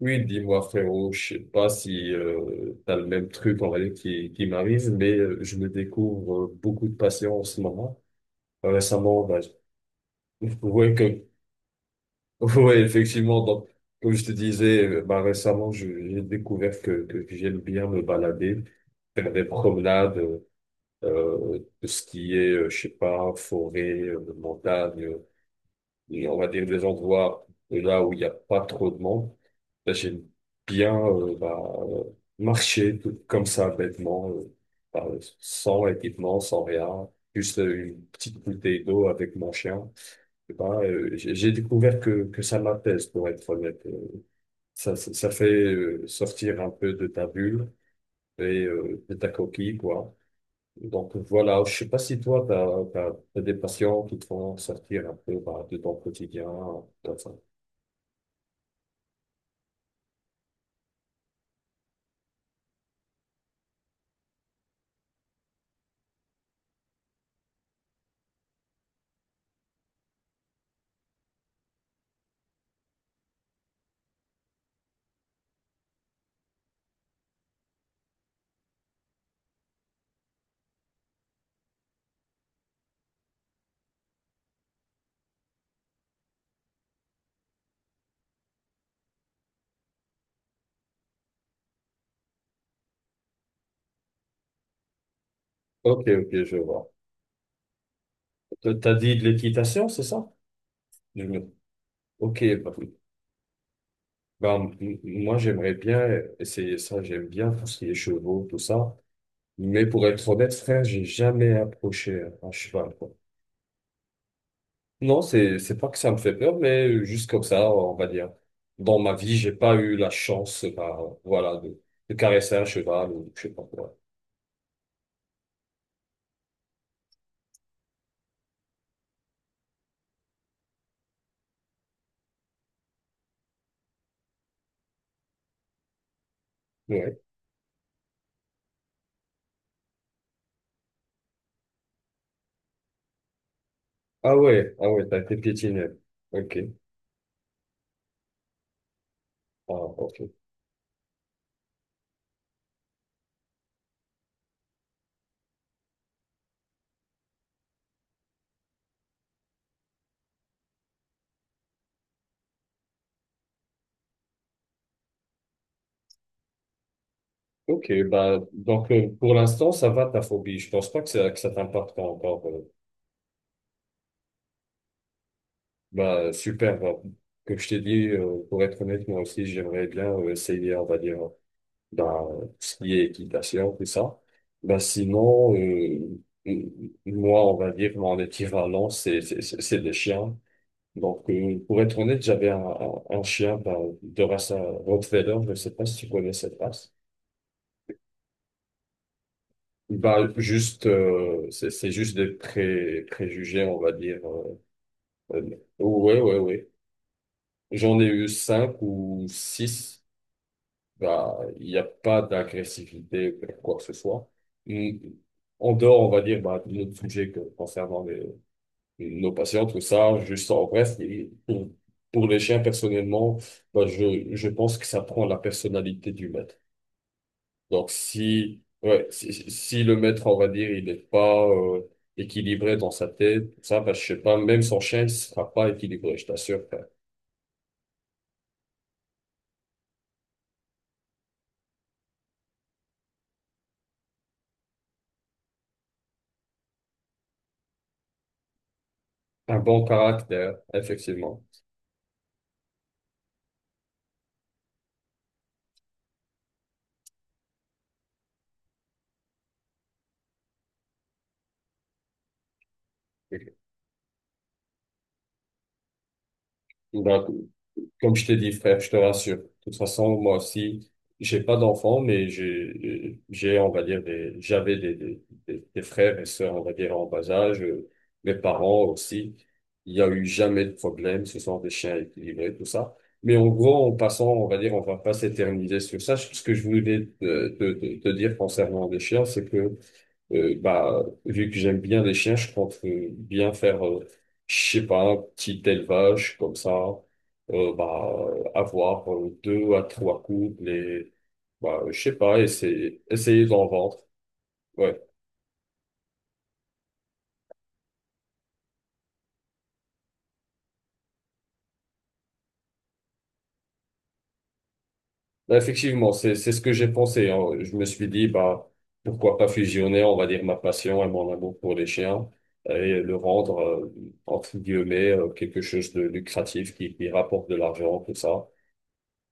Oui, dis-moi frérot, je sais pas si t'as le même truc en vrai qui m'arrive, mais je me découvre beaucoup de patients en ce moment. Récemment, bah, ouais, ouais, effectivement, donc, comme je te disais, bah, récemment, j'ai découvert que j'aime bien me balader, faire des promenades, tout ce qui est, je sais pas, forêt, montagne. Et on va dire des endroits là où il n'y a pas trop de monde. Là, j'aime bien bah, marcher tout comme ça, bêtement, bah, sans équipement, sans rien. Juste une petite bouteille d'eau avec mon chien. Et bah, j'ai découvert que ça m'apaise, pour être honnête. Ça fait sortir un peu de ta bulle et de ta coquille, quoi. Donc voilà, je sais pas si toi, t'as des patients qui te font sortir un peu bah, de ton quotidien, comme ça. Ok, ok, je vois. T'as dit de l'équitation, c'est ça? Je me-. Ok, bah, moi j'aimerais bien essayer ça, j'aime bien tout ce qui est chevaux, tout ça. Mais pour être honnête, frère, j'ai jamais approché un cheval, quoi. Non, c'est pas que ça me fait peur, mais juste comme ça, on va dire. Dans ma vie, j'ai pas eu la chance, bah, voilà, de caresser un cheval ou je sais pas quoi. Ouais. Ah ouais, ah ouais, t'as été piétiné. Ok. Ah, ok. Ok, bah, donc pour l'instant, ça va ta phobie. Je pense pas que ça t'impacte encore. Bah, super. Bah, comme je t'ai dit, pour être honnête, moi aussi, j'aimerais bien essayer, on va dire, dans ce qui est équitation, tout ça. Bah, sinon, m- moi, on va dire, mon équivalent, c'est des chiens. Donc, pour être honnête, j'avais un chien bah, de race Rottweiler. Je sais pas si tu connais cette race. Bah, juste, c'est juste des préjugés, on va dire. Ouais, ouais, ouais. J'en ai eu cinq ou six. Bah, il n'y a pas d'agressivité ou quoi que ce soit. Mm. En dehors, on va dire, bah, de notre sujet concernant nos patients, tout ça, juste en bref, et pour les chiens, personnellement, bah, je pense que ça prend la personnalité du maître. Donc, si, ouais, si le maître, on va dire, il n'est pas équilibré dans sa tête, ça, bah, je sais pas, même son chien, il sera pas équilibré, je t'assure, frère. Un bon caractère, effectivement. Ok. Donc, comme je t'ai dit, frère, je te rassure. De toute façon, moi aussi, j'ai pas d'enfants, mais on va dire, j'avais des frères et sœurs, on va dire, en bas âge. Mes parents aussi. Il y a eu jamais de problème. Ce sont des chiens équilibrés, tout ça. Mais en gros, en passant, on va dire, on va pas s'éterniser sur ça. Ce que je voulais te dire concernant les chiens, c'est que bah, vu que j'aime bien les chiens, je compte bien faire, je sais pas, un petit élevage comme ça, bah, avoir deux à trois couples et, bah, je sais pas, essayer d'en vendre. Ouais. Bah, effectivement, c'est ce que j'ai pensé, hein. Je me suis dit, bah, pourquoi pas fusionner, on va dire, ma passion et mon amour pour les chiens et le rendre, entre guillemets, quelque chose de lucratif qui rapporte de l'argent, tout ça.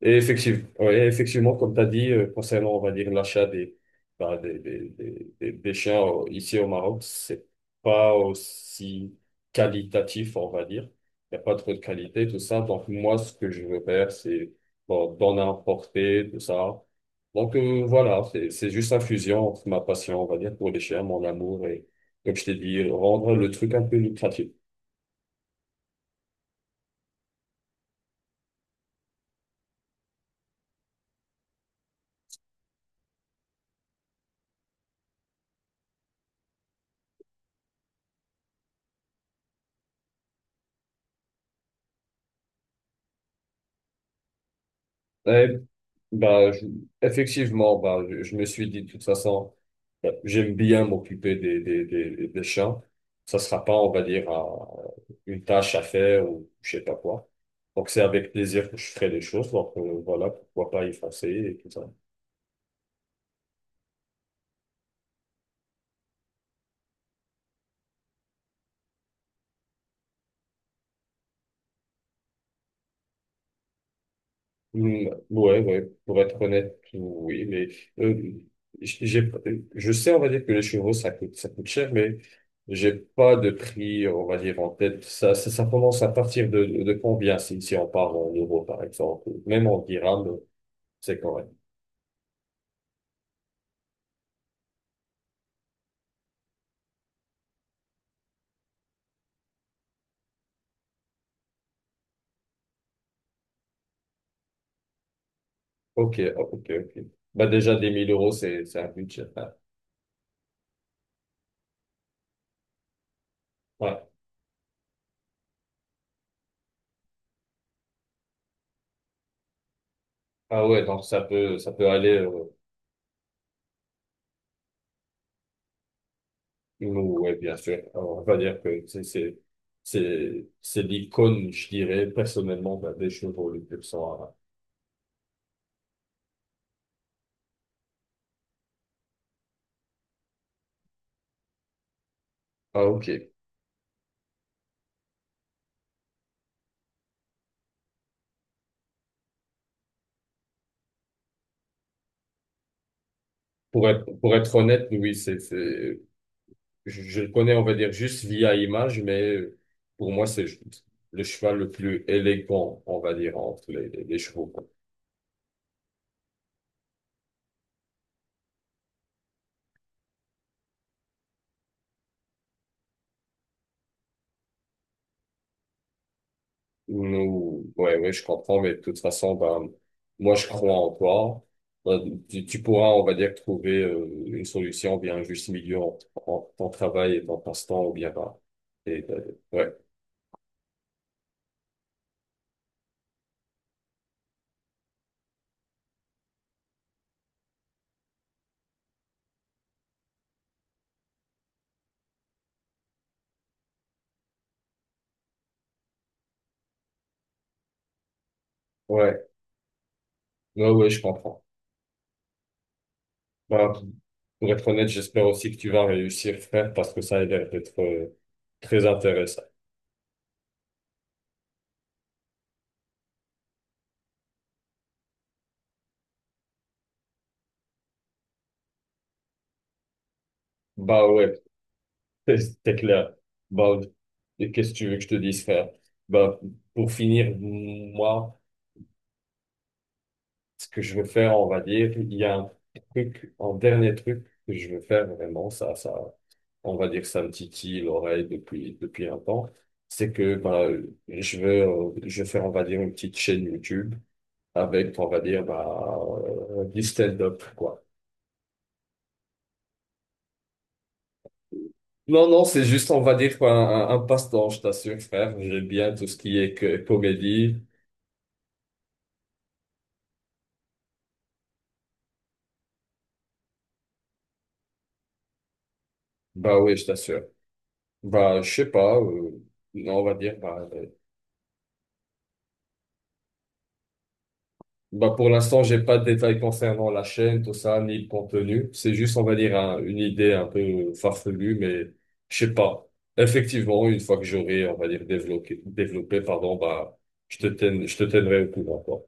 Et effectivement, ouais, effectivement, comme tu as dit, concernant, on va dire, l'achat bah, des chiens ici au Maroc, c'est pas aussi qualitatif, on va dire. Il n'y a pas trop de qualité, tout ça. Donc, moi, ce que je veux faire, c'est bon, d'en importer, tout ça. Donc, voilà, c'est juste un fusion entre ma passion, on va dire, pour les chiens, mon amour et, comme je t'ai dit, rendre le truc un peu lucratif. Eh, bah, effectivement, bah, je me suis dit, de toute façon, bah, j'aime bien m'occuper des chiens. Ça sera pas, on va dire, une tâche à faire ou je sais pas quoi. Donc, c'est avec plaisir que je ferai les choses. Donc, voilà, pourquoi pas y foncer et tout ça. Hmm, ouais, ouais, pour être honnête, oui, mais euh, j'ai, je sais, on va dire que les chevaux, ça coûte cher, mais j'ai pas de prix, on va dire, en tête. Ça commence à partir de combien, si on parle en euros, par exemple, ou même en dirhams, c'est correct. Ok, ok, ok. Bah, déjà, des 1000 euros, c'est un budget. Ah, ouais. Ah ouais, donc ça peut aller. Oui, bien sûr. Alors, on va dire que c'est l'icône, je dirais personnellement ben, des chevaux les plus à... Ah, ok. Pour être honnête, oui, c'est je le connais, on va dire juste via image, mais pour moi c'est le cheval le plus élégant, on va dire entre les chevaux. Nous, ouais, ouais, je comprends, mais de toute façon, ben, moi, je crois en toi. Ben, tu pourras, on va dire, trouver une solution, bien un juste milieu entre ton travail et ton passe-temps, ou bien, ben, et, ouais, ouais, ouais, ouais, je comprends. Ben, pour être honnête, j'espère aussi que tu vas réussir, frère, parce que ça a l'air d'être très intéressant. Bah ouais, c'est clair. Bah, et qu'est-ce que tu veux que je te dise, frère? Bah, pour finir, moi, ce que je veux faire, on va dire, il y a un truc, un dernier truc que je veux faire vraiment, ça, on va dire, ça me titille l'oreille depuis un temps, c'est que, bah, je vais faire, on va dire, une petite chaîne YouTube avec, on va dire, bah, du stand-up, quoi. Non, non, c'est juste, on va dire, quoi, un passe-temps, je t'assure, frère. J'aime bien tout ce qui est que, comédie. Bah oui, je t'assure. Bah, je sais pas, on va dire, bah. Bah pour l'instant, j'ai pas de détails concernant la chaîne, tout ça, ni le contenu. C'est juste, on va dire, une idée un peu farfelue, mais je sais pas. Effectivement, une fois que j'aurai, on va dire, développé, développé, pardon, bah, je te tiendrai au courant, quoi.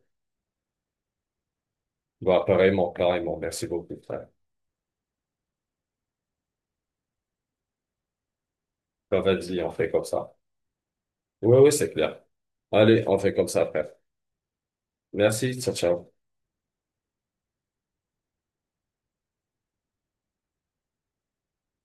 Bah, pareillement, pareillement. Merci beaucoup, frère. Bah, vas-y, on fait comme ça. Ouais, ouais, c'est clair. Allez, on fait comme ça, frère. Merci, ciao, ciao.